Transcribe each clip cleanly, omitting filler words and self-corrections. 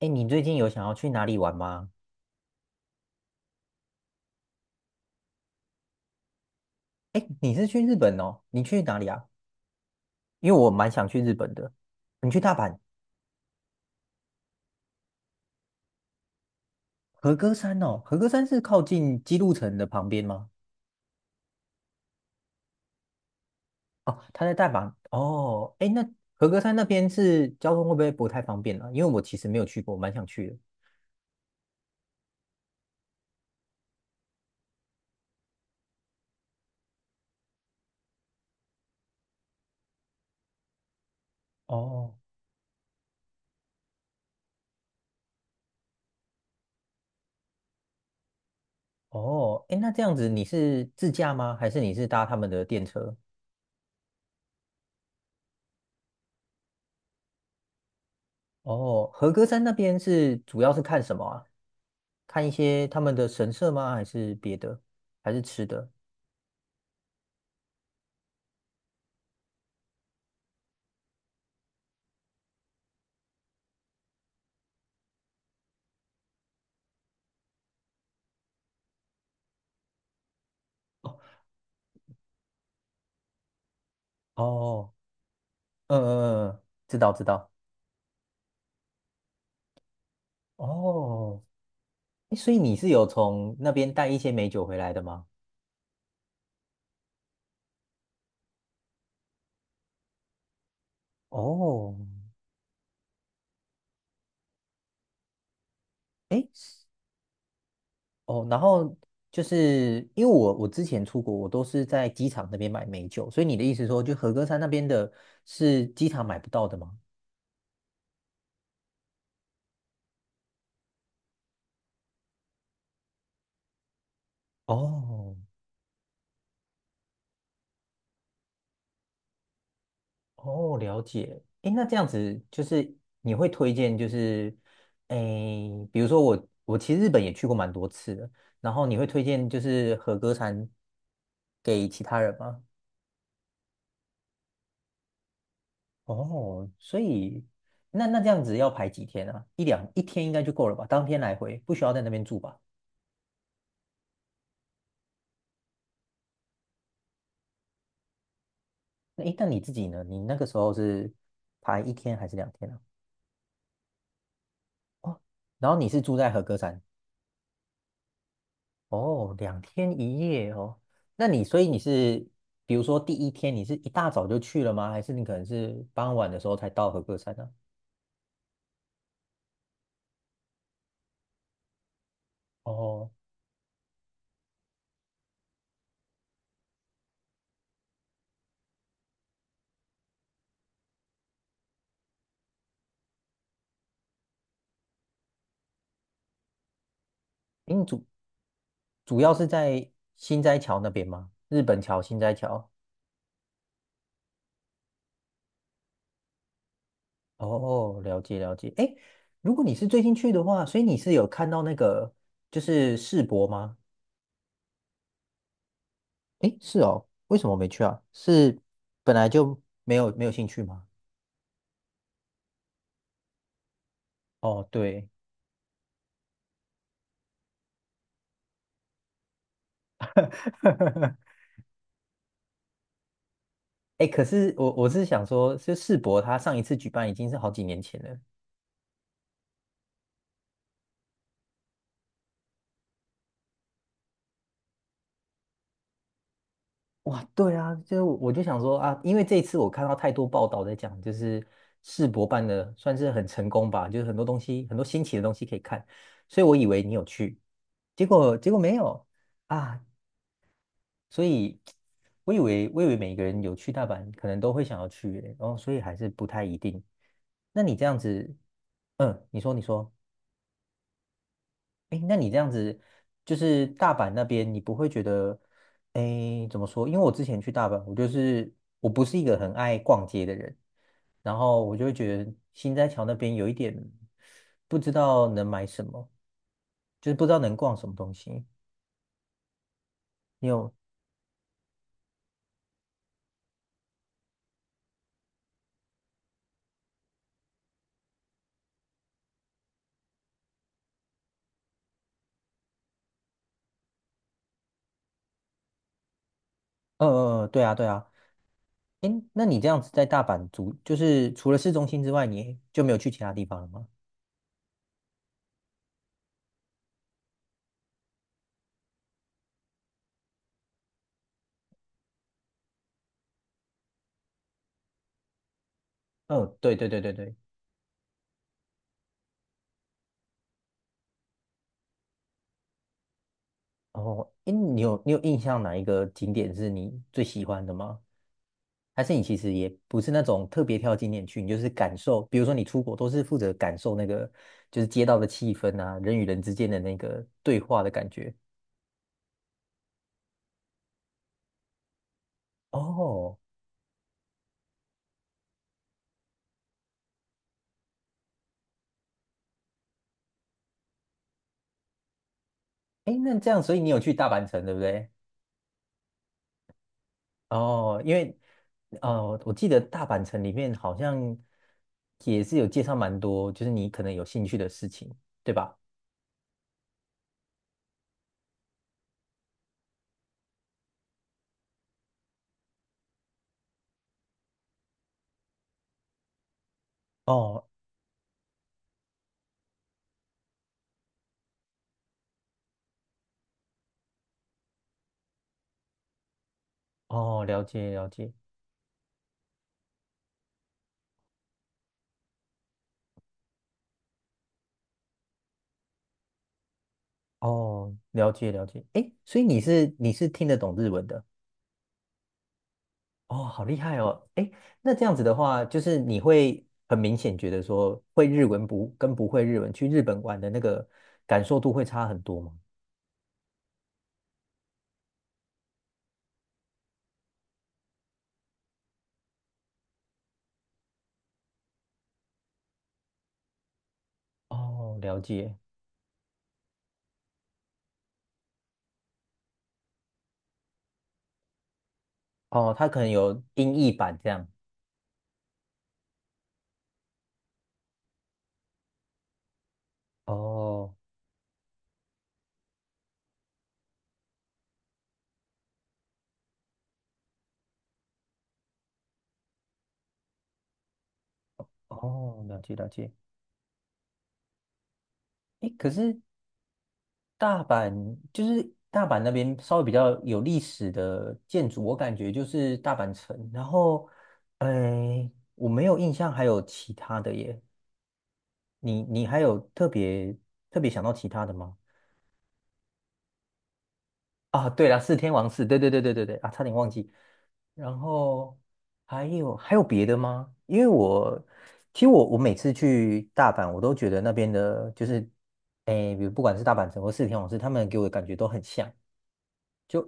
哎，你最近有想要去哪里玩吗？哎，你是去日本哦？你去哪里啊？因为我蛮想去日本的。你去大阪和歌山哦？和歌山是靠近姬路城的旁边吗？哦，它在大阪哦。哎，那和歌山那边是交通会不会不太方便啊？因为我其实没有去过，蛮想去的。哦哦，哎，那这样子你是自驾吗？还是你是搭他们的电车？哦，和歌山那边是主要是看什么啊？看一些他们的神社吗？还是别的？还是吃的？哦，嗯嗯嗯，知道知道。哦，诶所以你是有从那边带一些美酒回来的吗？哦，诶，哦，然后就是因为我之前出国，我都是在机场那边买美酒，所以你的意思说，就和歌山那边的是机场买不到的吗？哦，哦，了解。诶，那这样子就是你会推荐，就是诶，比如说我其实日本也去过蛮多次的，然后你会推荐就是和歌山给其他人吗？哦，所以那这样子要排几天啊？一两一天应该就够了吧？当天来回不需要在那边住吧？那诶，那你自己呢？你那个时候是排一天还是两天啊？哦，然后你是住在和歌山。哦，两天一夜哦。那你所以你是，比如说第一天你是一大早就去了吗？还是你可能是傍晚的时候才到和歌山呢、哦，因为主要是在新斋桥那边吗？日本桥、新斋桥。哦，了解了解。哎，如果你是最近去的话，所以你是有看到那个就是世博吗？哎，是哦，为什么没去啊？是本来就没有兴趣吗？哦，对。哎，可是我是想说，就世博他上一次举办已经是好几年前了。哇，对啊，就是我就想说啊，因为这一次我看到太多报道在讲，就是世博办的算是很成功吧，就是很多东西，很多新奇的东西可以看，所以我以为你有去，结果没有啊，所以我以为每个人有去大阪，可能都会想要去耶然后所以还是不太一定。那你这样子，嗯，你说。哎，那你这样子，就是大阪那边，你不会觉得，哎，怎么说？因为我之前去大阪，我就是我不是一个很爱逛街的人，然后我就会觉得新斋桥那边有一点不知道能买什么，就是不知道能逛什么东西。你有，对啊，对啊。哎，那你这样子在大阪住，就是除了市中心之外，你就没有去其他地方了吗？嗯，对对对对对。哦，诶，你有印象哪一个景点是你最喜欢的吗？还是你其实也不是那种特别挑景点去，你就是感受，比如说你出国都是负责感受那个就是街道的气氛啊，人与人之间的那个对话的感觉。哦，哎，那这样，所以你有去大阪城，对不对？哦，因为我记得大阪城里面好像也是有介绍蛮多，就是你可能有兴趣的事情，对吧？哦哦，了解了解。哦，了解了解。哎，所以你是听得懂日文的哦，好厉害哦。哎，那这样子的话，就是你会很明显觉得说，会日文不跟不会日文去日本玩的那个感受度会差很多吗？哦，了解。哦，它可能有音译版这样。哦哦，了解了解。哎，可是大阪就是大阪那边稍微比较有历史的建筑，我感觉就是大阪城。然后，哎，我没有印象还有其他的耶。你还有特别想到其他的吗？啊，对了，四天王寺，对对对对对对啊，差点忘记。然后还有还有别的吗？因为我其实每次去大阪，我都觉得那边的就是，哎，比如不管是大阪城或四天王寺，他们给我的感觉都很像。就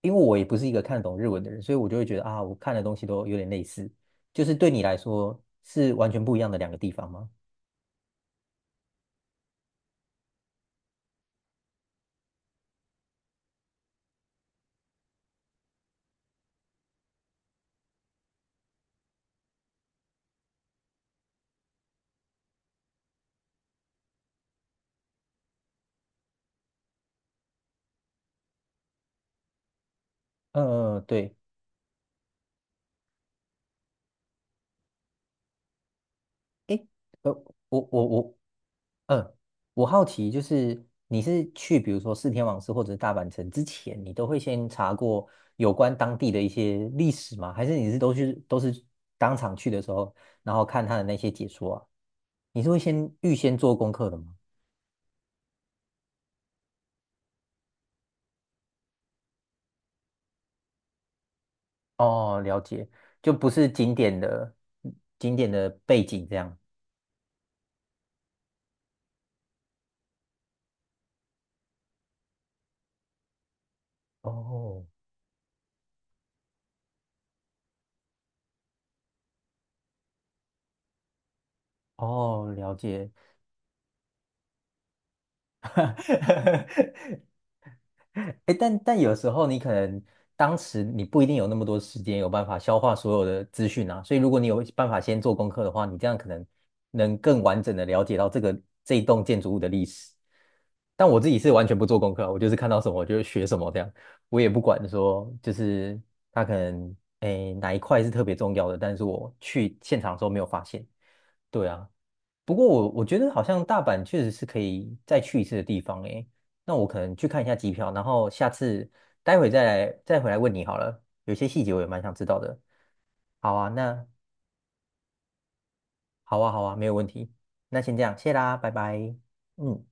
因为我也不是一个看得懂日文的人，所以我就会觉得啊，我看的东西都有点类似。就是对你来说是完全不一样的两个地方吗？嗯嗯，嗯对。诶，呃，我,嗯，我好奇就是你是去比如说四天王寺或者是大阪城之前，你都会先查过有关当地的一些历史吗？还是你是都去都是当场去的时候，然后看他的那些解说啊？你是会先预先做功课的吗？哦，了解，就不是景点的景点的背景这样。哦哦，了解。哎，但有时候你可能当时你不一定有那么多时间，有办法消化所有的资讯啊。所以如果你有办法先做功课的话，你这样可能能更完整的了解到这个这一栋建筑物的历史。但我自己是完全不做功课啊我就是看到什么我就学什么这样，我也不管说就是它可能哎哪一块是特别重要的，但是我去现场的时候没有发现。对啊，不过我觉得好像大阪确实是可以再去一次的地方诶。那我可能去看一下机票，然后下次待会再来再回来问你好了。有些细节我也蛮想知道的。好啊，那好啊，好啊，没有问题。那先这样，谢啦，拜拜。嗯。